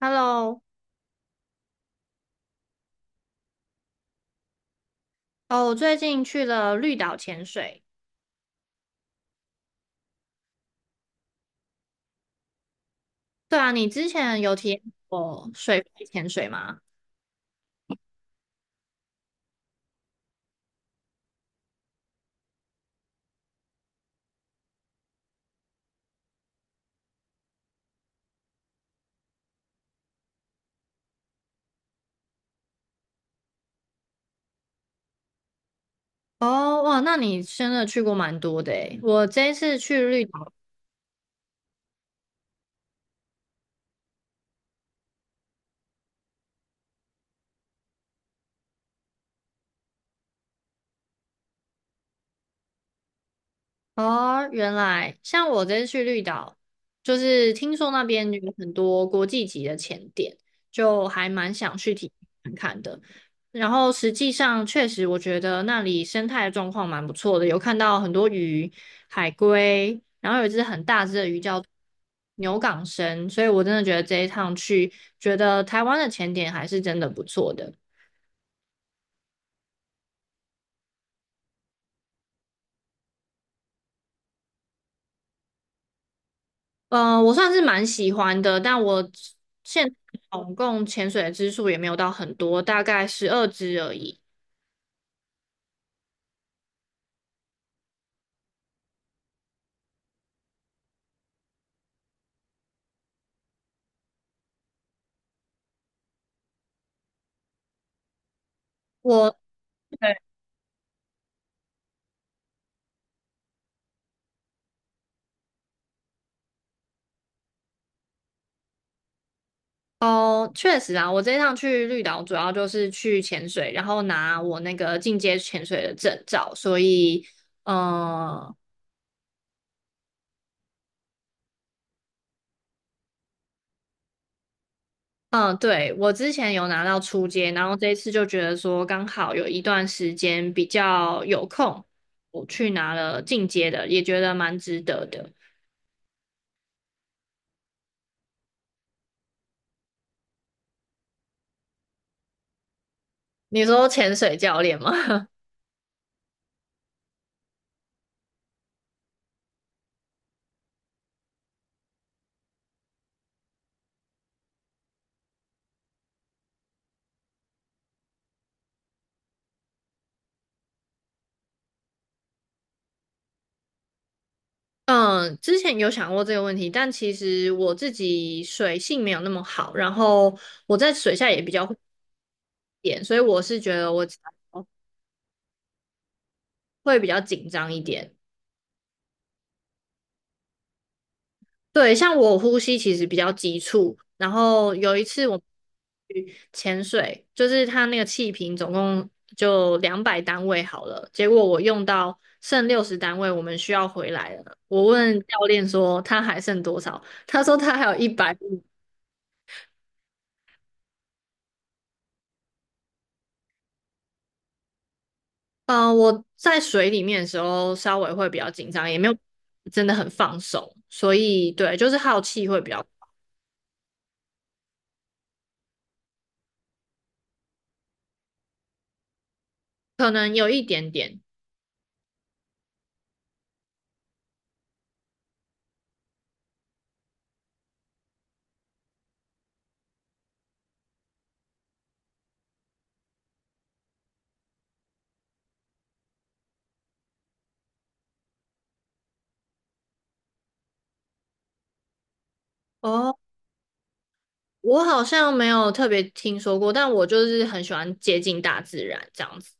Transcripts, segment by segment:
Hello,哦，我最近去了绿岛潜水。对啊，你之前有体验过水肺潜水吗？哦，哇，那你真的去过蛮多的诶。我这一次去绿，哦，原来像我这次去绿岛，就是听说那边有很多国际级的潜点，就还蛮想去体验看看的。然后实际上，确实我觉得那里生态的状况蛮不错的，有看到很多鱼、海龟，然后有一只很大只的鱼叫牛港生，所以我真的觉得这一趟去，觉得台湾的潜点还是真的不错的。嗯，我算是蛮喜欢的，但我现总共潜水的支数也没有到很多，大概12支而已。我哦，确实啊，我这一趟去绿岛主要就是去潜水，然后拿我那个进阶潜水的证照，所以，嗯、嗯，对，我之前有拿到初阶，然后这一次就觉得说刚好有一段时间比较有空，我去拿了进阶的，也觉得蛮值得的。你说潜水教练吗？嗯，之前有想过这个问题，但其实我自己水性没有那么好，然后我在水下也比较会点，所以我是觉得我会比较紧张一点。对，像我呼吸其实比较急促，然后有一次我去潜水，就是它那个气瓶总共就200单位好了，结果我用到剩60单位，我们需要回来了。我问教练说他还剩多少，他说他还有150。嗯、我在水里面的时候稍微会比较紧张，也没有真的很放松，所以对，就是好奇会比较，可能有一点点。哦，我好像没有特别听说过，但我就是很喜欢接近大自然这样子。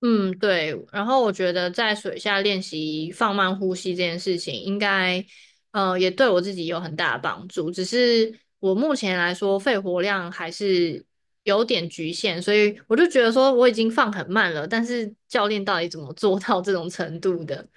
嗯，对。然后我觉得在水下练习放慢呼吸这件事情，应该也对我自己有很大的帮助。只是我目前来说，肺活量还是有点局限，所以我就觉得说我已经放很慢了，但是教练到底怎么做到这种程度的？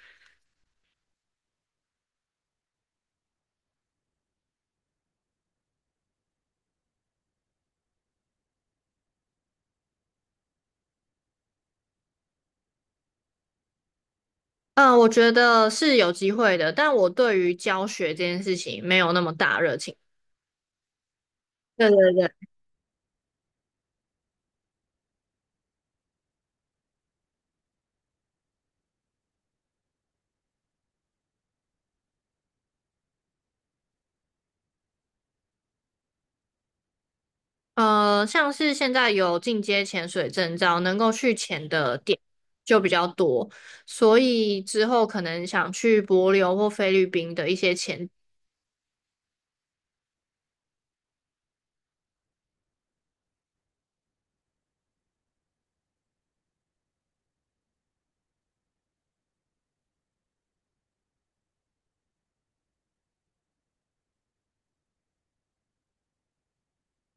嗯，我觉得是有机会的，但我对于教学这件事情没有那么大热情。对对对。像是现在有进阶潜水证照，能够去潜的点就比较多，所以之后可能想去帛琉或菲律宾的一些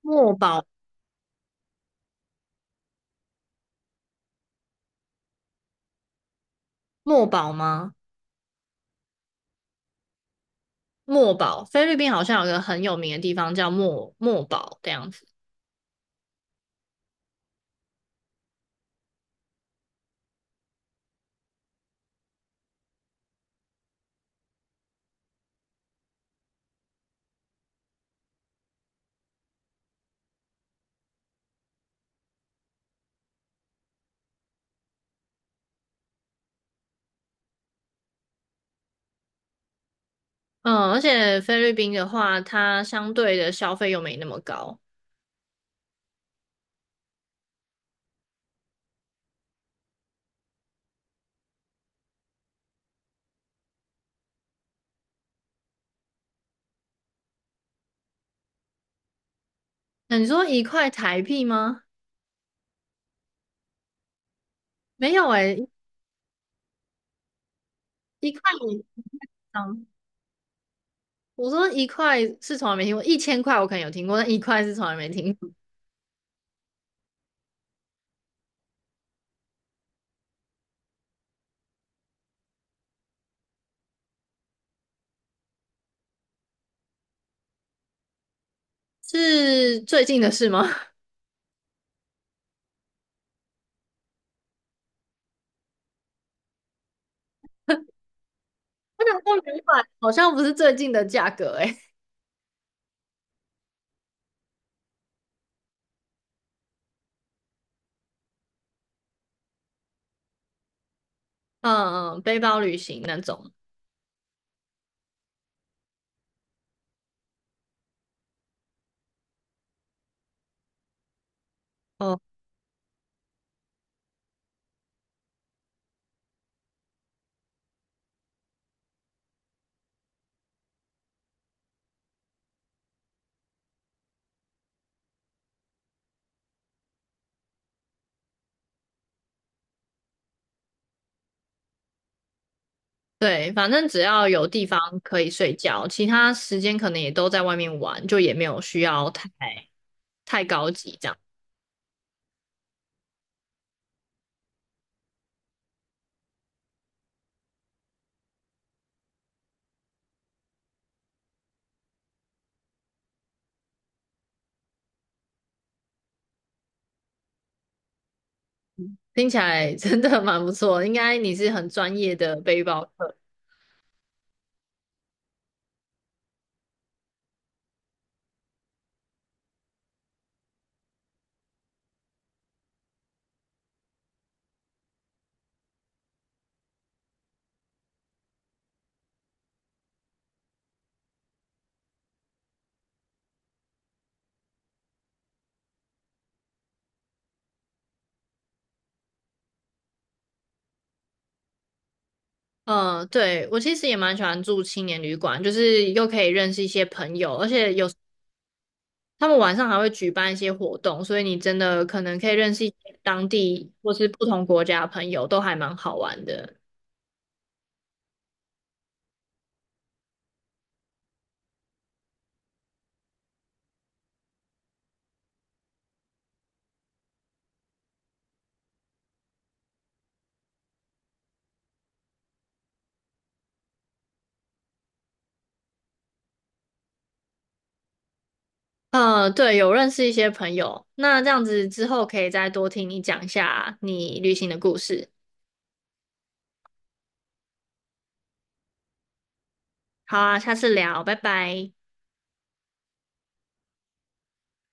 墨宝，墨宝吗？墨宝，菲律宾好像有个很有名的地方叫墨墨宝这样子。嗯，而且菲律宾的话，它相对的消费又没那么高。那你说1块台币吗？没有诶、一块。我说一块是从来没听过，1000块我可能有听过，但一块是从来没听过。是最近的事吗？到200好像不是最近的价格诶、嗯嗯，背包旅行那种。哦，对，反正只要有地方可以睡觉，其他时间可能也都在外面玩，就也没有需要太高急这样。听起来真的蛮不错，应该你是很专业的背包客。嗯，对，我其实也蛮喜欢住青年旅馆，就是又可以认识一些朋友，而且有。他们晚上还会举办一些活动，所以你真的可能可以认识一些当地或是不同国家的朋友，都还蛮好玩的。对，有认识一些朋友，那这样子之后可以再多听你讲一下你旅行的故事。好啊，下次聊，拜拜。